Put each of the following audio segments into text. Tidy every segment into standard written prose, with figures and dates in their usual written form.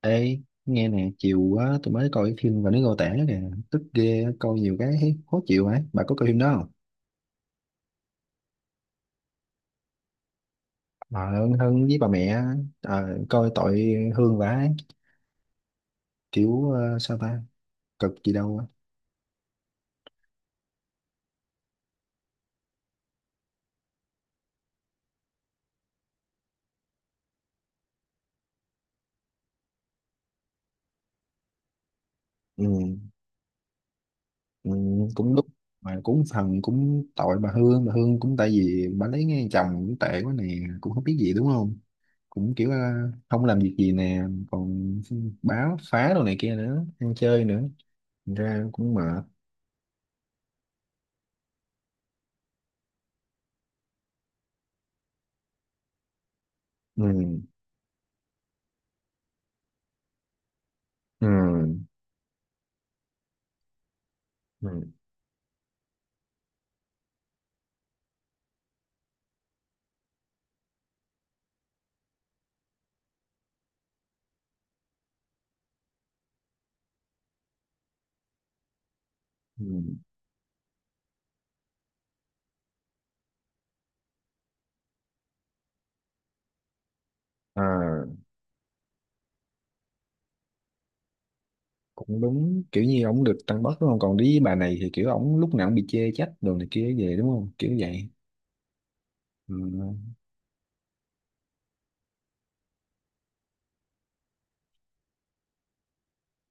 Ê, nghe nè, chiều quá tôi mới coi cái phim và nó Ngô Tẻ kìa, tức ghê, coi nhiều cái thấy khó chịu ấy. Bà có coi phim đó không? Bà Hân, Hân với bà mẹ, ờ, coi tội Hương vả ấy. Kiểu sao ta, cực gì đâu á. Ừ, ừ, cũng đúng, mà cũng phần cũng tội bà Hương cũng tại vì bà lấy ngay chồng cũng tệ quá nè, cũng không biết gì đúng không? Cũng kiểu không làm việc gì nè, còn báo phá đồ này kia nữa, ăn chơi nữa, thành ra cũng mệt. Ừ. Ừ. Ừ. Ừ. À, cũng đúng, kiểu như ổng được tăng bớt đúng không, còn với bà này thì kiểu ổng lúc nào cũng bị chê trách đồ này kia về, đúng không, kiểu vậy. Ừ.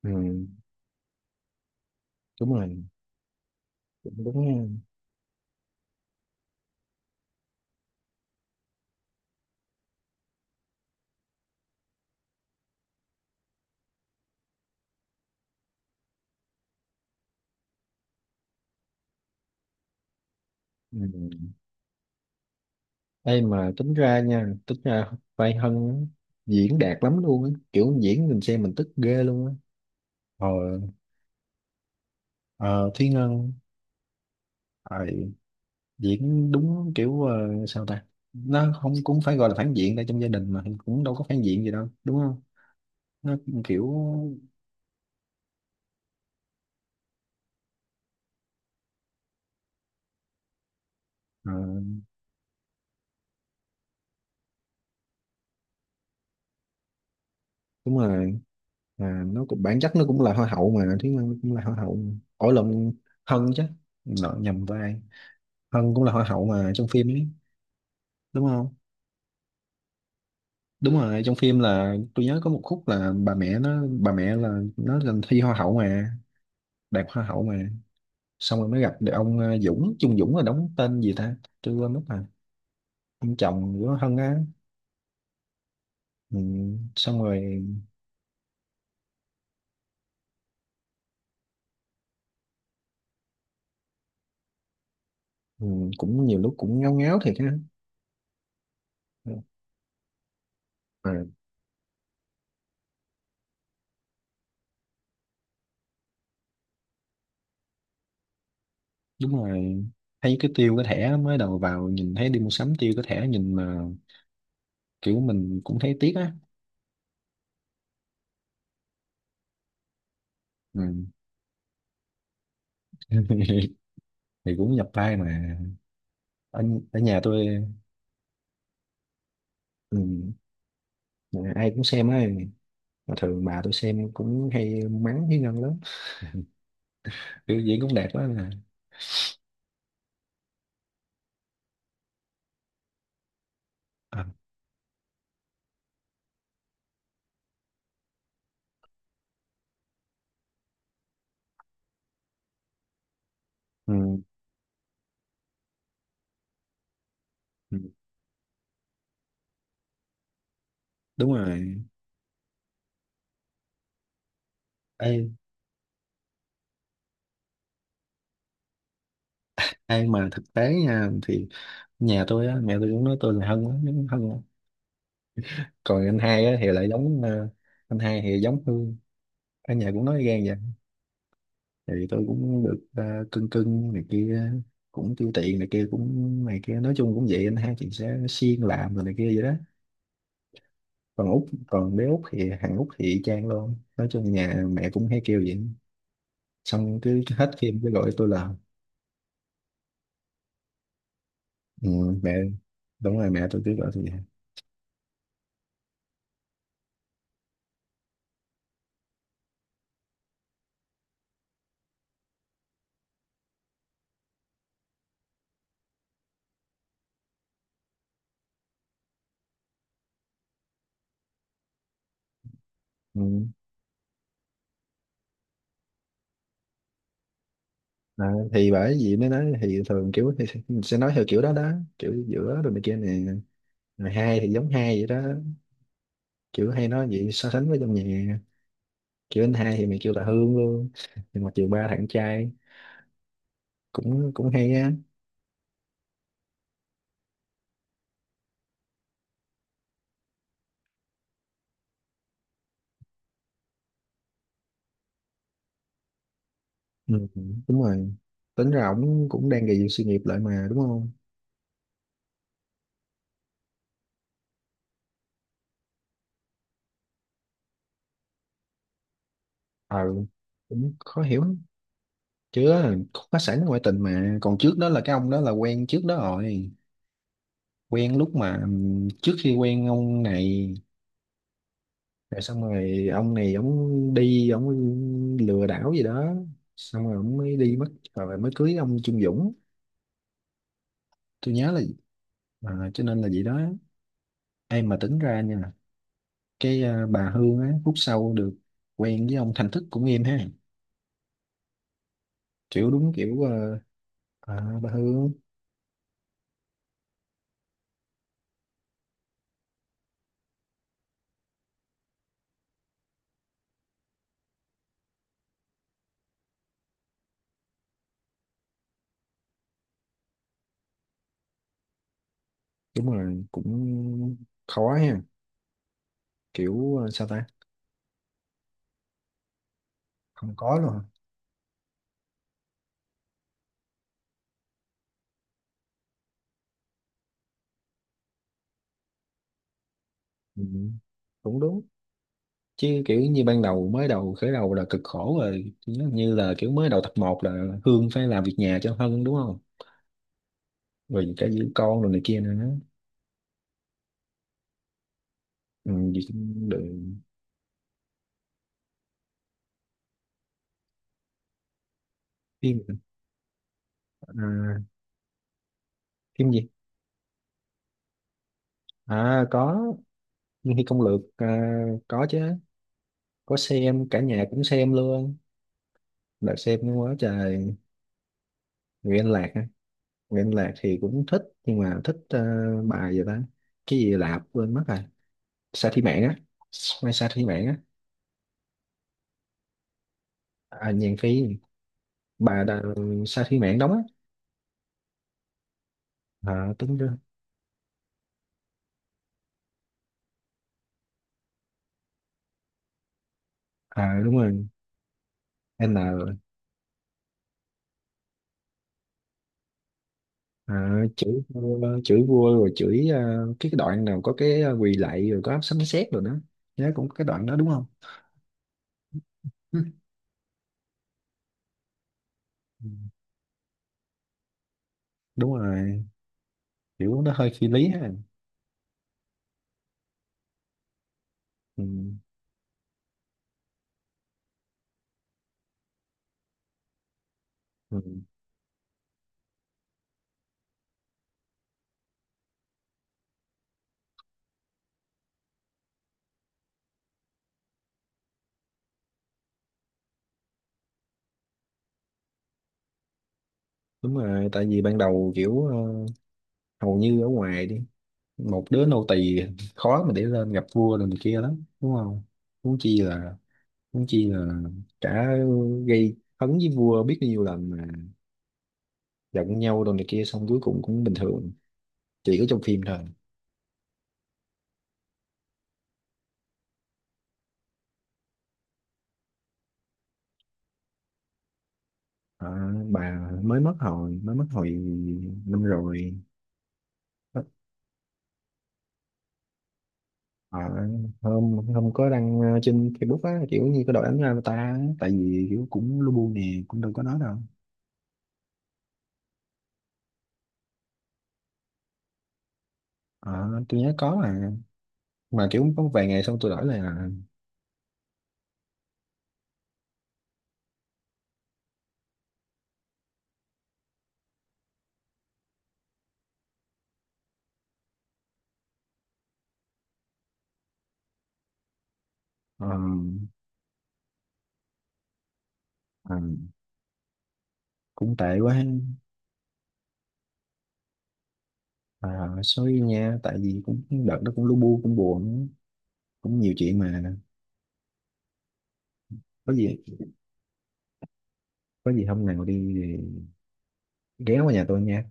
Ừ. Đúng rồi, cũng đúng ha. Ừ. Ê, mà tính ra nha, tính ra vai Hân á, diễn đạt lắm luôn á, kiểu diễn mình xem mình tức ghê luôn á. ờ, ờ Thúy Ngân. ờ, Diễn đúng kiểu sao ta, nó không cũng phải gọi là phản diện, tại trong gia đình mà cũng đâu có phản diện gì đâu đúng không, nó kiểu. Đúng rồi, mà nó cũng bản chất nó cũng là hoa hậu mà, Thúy Ngân cũng là hoa hậu mà. Ổi lộn, Hân chứ. Nợ nhầm vai. Hân cũng là hoa hậu mà trong phim ấy, đúng không? Đúng rồi, trong phim là tôi nhớ có một khúc là bà mẹ là nó lên thi hoa hậu mà, đạt hoa hậu mà, xong rồi mới gặp được ông Dũng, Trung Dũng là đóng tên gì ta, tôi quên mất rồi, ông chồng của Hân á. Ừ. Xong rồi. Ừ. Cũng nhiều lúc cũng ngáo ngáo thiệt ha. Ừ. Đúng rồi, thấy cái tiêu cái thẻ mới đầu vào nhìn thấy đi mua sắm tiêu cái thẻ nhìn mà kiểu mình cũng thấy tiếc á. Ừ. Thì cũng nhập vai mà. Ở, ở nhà tôi. Ừ. Mà ai cũng xem ấy, mà thường bà tôi xem cũng hay mắng với Ngân lắm, biểu diễn cũng đẹp quá mà. À, ừ. Ừ, đúng rồi. Ai ai mà thực tế nha thì nhà tôi á, mẹ tôi cũng nói tôi là Hân á, giống Hân á. Còn anh hai á thì lại giống anh hai thì giống Hương. Ở nhà cũng nói gan thì tôi cũng được cưng cưng này kia, cũng tiêu tiền này kia cũng này kia, nói chung cũng vậy, anh hai chị sẽ siêng làm rồi này kia vậy đó. Còn út còn bé út thì thằng út thì y chang luôn, nói chung nhà mẹ cũng hay kêu vậy, xong cứ hết phim cứ gọi tôi là. Ừ, mẹ. Đúng rồi, mẹ tôi cứ gọi tôi vậy. Ừ. À, thì bởi vì mới nói thì thường kiểu thì sẽ nói theo kiểu đó đó, kiểu giữa rồi này kia nè. Rồi hai thì giống hai vậy đó, kiểu hay nói vậy so sánh với trong nhà, kiểu anh hai thì mày kêu là Hương luôn, nhưng mà chiều ba thằng con trai cũng cũng hay á. Ừ, đúng rồi, tính ra ổng cũng đang gầy dựng sự nghiệp lại mà đúng không. Ừ, cũng khó hiểu lắm. Chứ á, khúc phá sản ngoại tình mà còn trước đó là cái ông đó là quen trước đó rồi, quen lúc mà trước khi quen ông này. Rồi xong rồi ông này ổng đi ổng lừa đảo gì đó, xong rồi ổng mới đi mất, rồi mới cưới ông Trung Dũng, tôi nhớ là. À, cho nên là vậy đó. Em mà tính ra nha, cái bà Hương á phút sau được quen với ông Thành Thức cũng em ha, kiểu đúng kiểu bà Hương. Đúng rồi, cũng khó ha, kiểu sao ta. Không có luôn hả? Ừ, cũng đúng. Chứ kiểu như ban đầu mới đầu khởi đầu là cực khổ rồi. Nó như là kiểu mới đầu tập 1 là Hương phải làm việc nhà cho Hân đúng không, rồi cả giữ con rồi này kia nữa. Ừ, việc đường phim. À, phim gì? À, có. Nhưng khi công lược à, có chứ, có xem cả nhà cũng xem luôn, đã xem quá trời. Nguyễn Lạc á. Nguyễn Lạc thì cũng thích nhưng mà thích bài gì ta, cái gì Lạp quên mất rồi. Sa Thi Mạn á, Mai Sa Thi Mạn á. À, Nhàn Phi. Bà đà, Sa Thi Mạn đóng á. À, tính ra. À, đúng rồi. N À, chửi vua rồi chửi cái đoạn nào có cái quỳ lạy rồi có sấm sét rồi đó. Nhớ cũng có cái đoạn đó đúng không. Ừ. Đúng rồi, kiểu nó hơi phi lý ha. Ừ. Ừ. Đúng rồi, tại vì ban đầu kiểu hầu như ở ngoài đi một đứa nô tỳ khó mà để lên gặp vua rồi này kia lắm đúng không. Huống chi là, huống chi là cả gây hấn với vua biết bao nhiêu lần mà, giận nhau rồi này kia xong cuối cùng cũng bình thường. Chỉ có trong phim thôi. Ờ, bà mới mất hồi năm rồi. Ờ, hôm hôm có đăng trên Facebook á, kiểu như có đội ảnh ra người ta á. Tại vì kiểu cũng lu bu nè, cũng đâu có nói đâu. Ờ, tôi nhớ có mà, kiểu có vài ngày xong tôi đổi lại là. ờ, ờ, Cũng tệ quá. À, sorry nha, tại vì cũng đợt đó cũng lu bu cũng buồn, cũng nhiều chuyện mà. Có gì, có gì hôm nào đi thì ghé qua nhà tôi nha.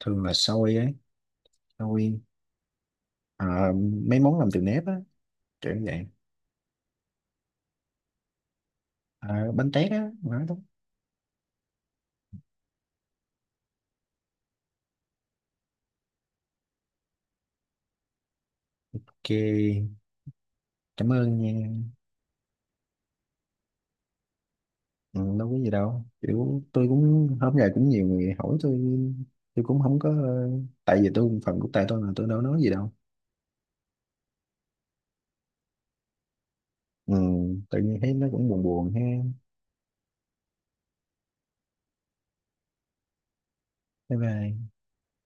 Thường là xôi ấy, xôi. ờ, Mấy món làm từ nếp á, kiểu như vậy. Ờ, bánh tét á, nói đúng. Ok, cảm ơn nha. Ừ, đâu có gì đâu, kiểu tôi cũng hôm nay cũng nhiều người hỏi tôi. Tôi cũng không có tại vì tôi phần của tay tôi là tôi đâu nói gì đâu. Ừ, tự nhiên thấy nó cũng buồn buồn ha. Bye bye.